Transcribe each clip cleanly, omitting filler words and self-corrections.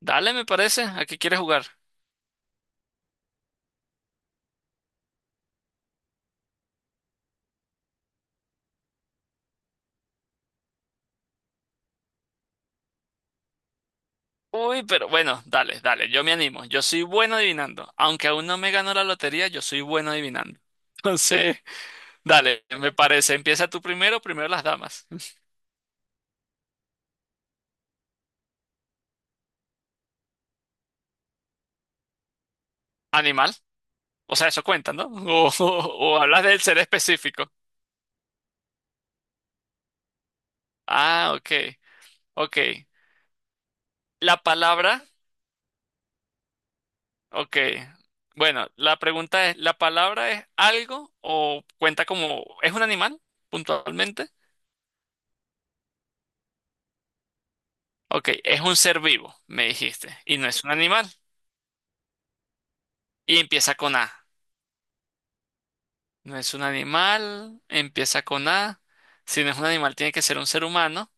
Dale, me parece. ¿A qué quieres jugar? Uy, pero bueno, dale, dale, yo me animo. Yo soy bueno adivinando. Aunque aún no me gano la lotería, yo soy bueno adivinando. Entonces, dale, me parece. Empieza tú primero, primero las damas. Animal. O sea, eso cuenta, ¿no? O hablas del ser específico. Ah, ok, ok. La palabra, ok. Bueno, la pregunta es, ¿la palabra es algo o cuenta como, es un animal puntualmente? Ok, es un ser vivo, me dijiste, y no es un animal. Y empieza con A. No es un animal, empieza con A. Si no es un animal, tiene que ser un ser humano,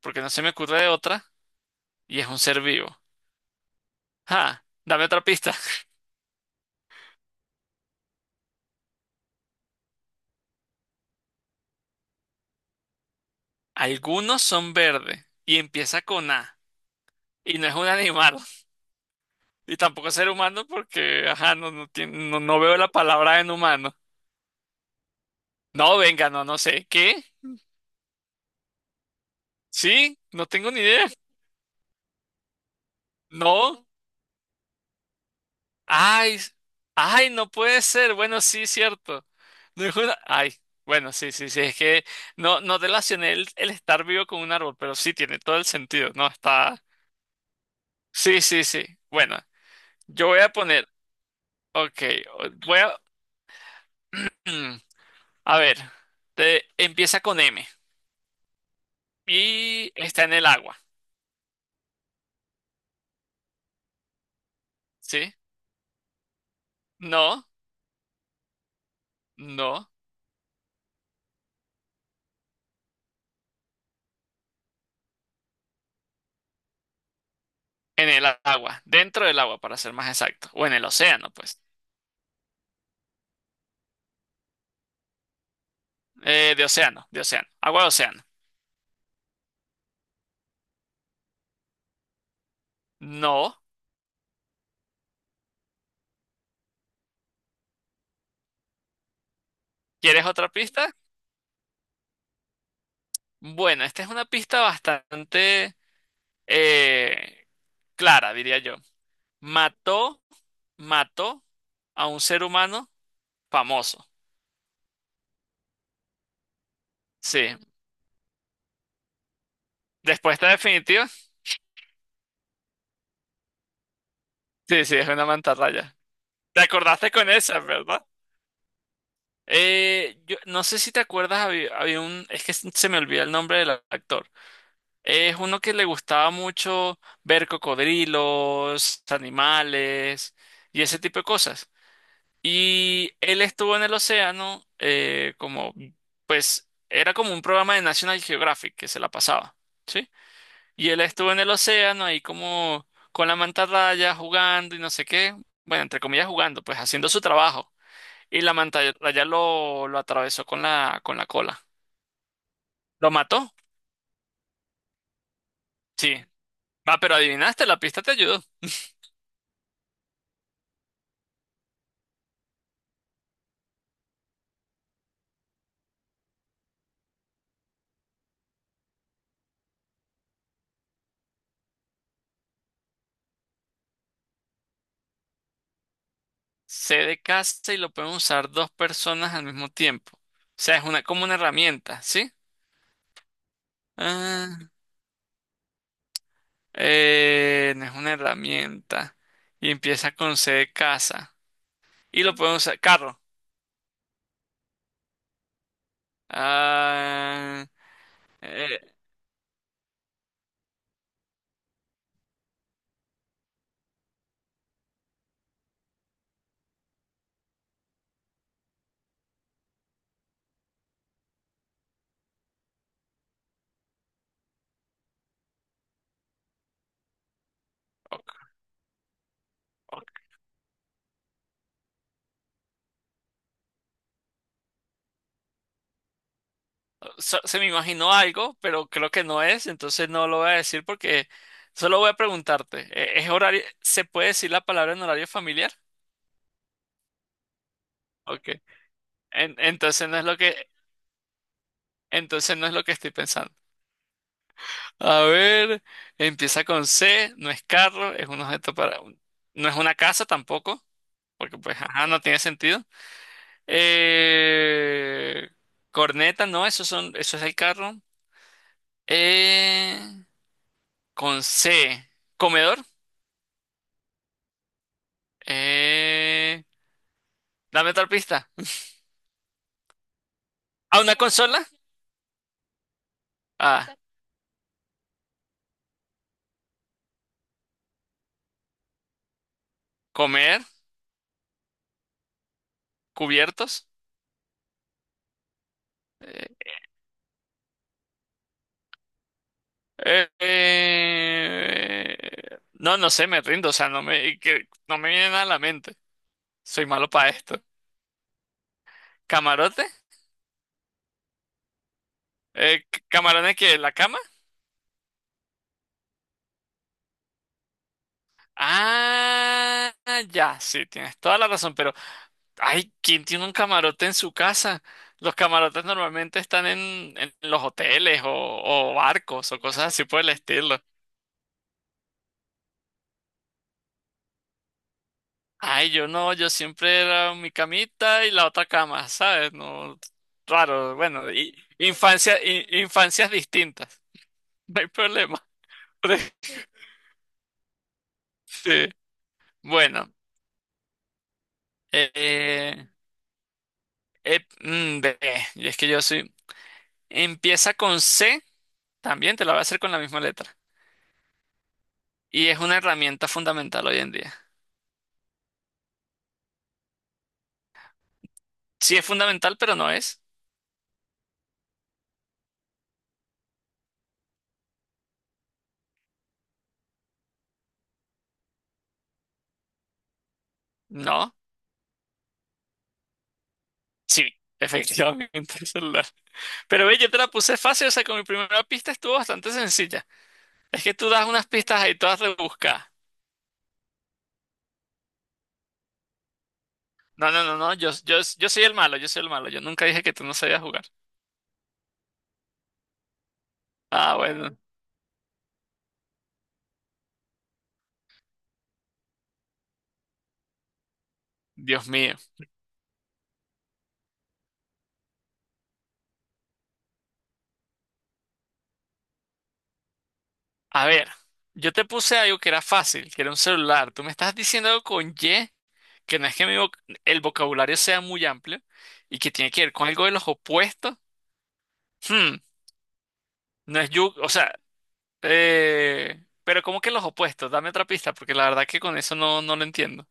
porque no se me ocurre de otra, y es un ser vivo. Ah, dame otra pista. Algunos son verdes, y empieza con A, y no es un animal, y tampoco es ser humano, porque, ajá, no, no, no, no veo la palabra en humano. No, venga, no, no sé. ¿Qué? ¿Sí? No tengo ni idea. No. Ay, ay, no puede ser. Bueno, sí, cierto. No es una... Ay, bueno, sí, sí, sí. Es que no relacioné el estar vivo con un árbol, pero sí tiene todo el sentido. No está. Sí, sí, sí. Bueno, yo voy a poner. Ok, voy a. A ver, empieza con M y está en el agua, ¿sí? No, no, en el agua, dentro del agua, para ser más exacto, o en el océano, pues. De océano, agua de océano. No. ¿Quieres otra pista? Bueno, esta es una pista bastante eh, clara, diría yo. Mató, mató a un ser humano famoso. Sí. Respuesta definitiva. Sí, sí, es una mantarraya. ¿Te acordaste con esa, verdad? Yo no sé si te acuerdas, había un, es que se me olvida el nombre del actor. Es uno que le gustaba mucho ver cocodrilos, animales y ese tipo de cosas. Y él estuvo en el océano, como, pues, era como un programa de National Geographic que se la pasaba, ¿sí? Y él estuvo en el océano ahí como con la mantarraya jugando y no sé qué, bueno, entre comillas jugando, pues haciendo su trabajo. Y la mantarraya lo atravesó con la cola. ¿Lo mató? Sí. Ah, pero adivinaste, la pista te ayudó. Se de casa y lo pueden usar dos personas al mismo tiempo. O sea, es una, como una herramienta, ¿sí? Ah. No es una herramienta. Y empieza con C de casa. Y lo podemos usar. Carro. Ah, eh, ok, ok. Se me imaginó algo, pero creo que no es, entonces no lo voy a decir porque solo voy a preguntarte. ¿Es horario? ¿Se puede decir la palabra en horario familiar? Ok. En- entonces no es lo que, entonces no es lo que estoy pensando. A ver, empieza con C, no es carro, es un objeto para... No es una casa tampoco, porque pues, ajá, no tiene sentido. Eh, corneta, no, eso es el carro. Eh, con C, comedor. Eh, dame otra pista. ¿A una consola? Ah, comer, cubiertos. Eh, eh, no, no sé, me rindo, o sea, no me viene nada a la mente. Soy malo para esto. ¿Camarote? ¿Camarones que ¿la cama? Ah, ya, sí, tienes toda la razón, pero, ay, ¿quién tiene un camarote en su casa? Los camarotes normalmente están en los hoteles o barcos o cosas así por el estilo. Ay, yo no, yo siempre era mi camita y la otra cama, ¿sabes? No, raro, bueno, y, infancia, infancias distintas, no hay problema. Sí, bueno, eh, eh, ve, y es que yo soy... Empieza con C, también te la voy a hacer con la misma letra. Y es una herramienta fundamental hoy en día. Sí es fundamental, pero no es. No, sí, efectivamente el celular. Pero ve, yo te la puse fácil, o sea, con mi primera pista estuvo bastante sencilla. Es que tú das unas pistas ahí todas rebuscadas. No, no, no, no, yo soy el malo, yo soy el malo. Yo nunca dije que tú no sabías jugar. Ah, bueno, Dios mío. A ver, yo te puse algo que era fácil, que era un celular. Tú me estás diciendo algo con Y, que no es que el vocabulario sea muy amplio y que tiene que ver con algo de los opuestos. Hmm, no es yugo, o sea, pero ¿cómo que los opuestos? Dame otra pista, porque la verdad que con eso no lo entiendo.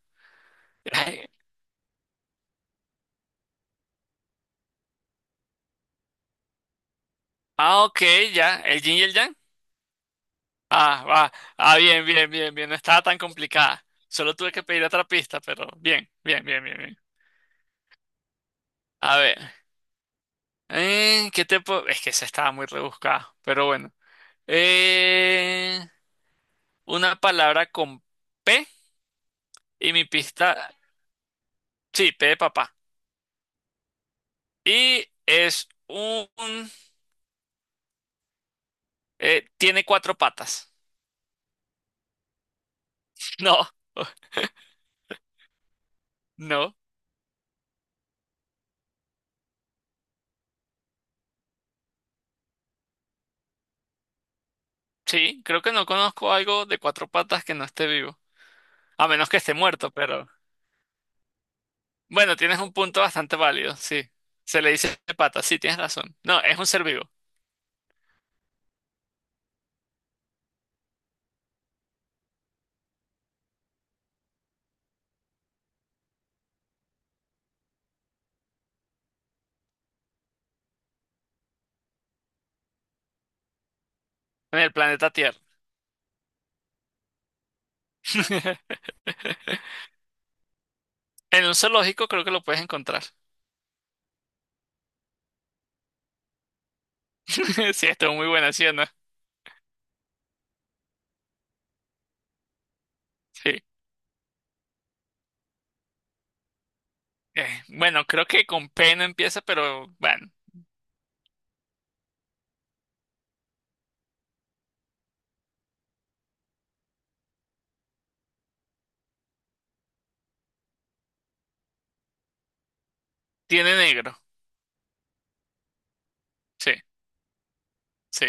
Ay, ah, ok, ya, el yin y el yang. Ah, va, ah, bien, bien, bien, bien, no estaba tan complicada. Solo tuve que pedir otra pista, pero bien, bien, bien, bien, bien. A ver, ¿qué te puedo...? Es que esa estaba muy rebuscada, pero bueno. Eh, una palabra con P y mi pista, sí, P de papá. Y es un, tiene cuatro patas. No, no, sí, creo que no conozco algo de cuatro patas que no esté vivo. A menos que esté muerto, pero bueno, tienes un punto bastante válido, sí. Se le dice patas, sí, tienes razón. No, es un ser vivo, en el planeta Tierra. En un zoológico creo que lo puedes encontrar. Sí, esto es muy buena, ¿sí o no? Sí. Bueno, creo que con P no empieza, pero bueno, tiene negro. Sí, sí.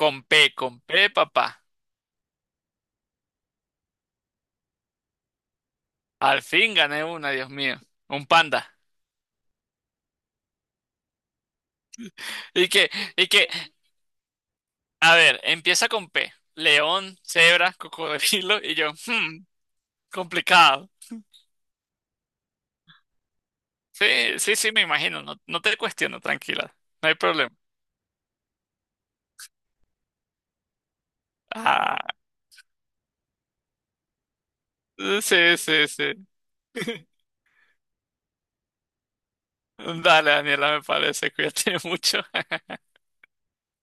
Con P, papá. Al fin gané una, Dios mío. Un panda. Y que, y que, a ver, empieza con P. León, cebra, cocodrilo. Y yo, hmm, complicado. Sí, sí, sí, me imagino. No, no te cuestiono, tranquila. No hay problema. Ah, sí, sí, sí. Dale, Daniela, me parece. Cuídate mucho.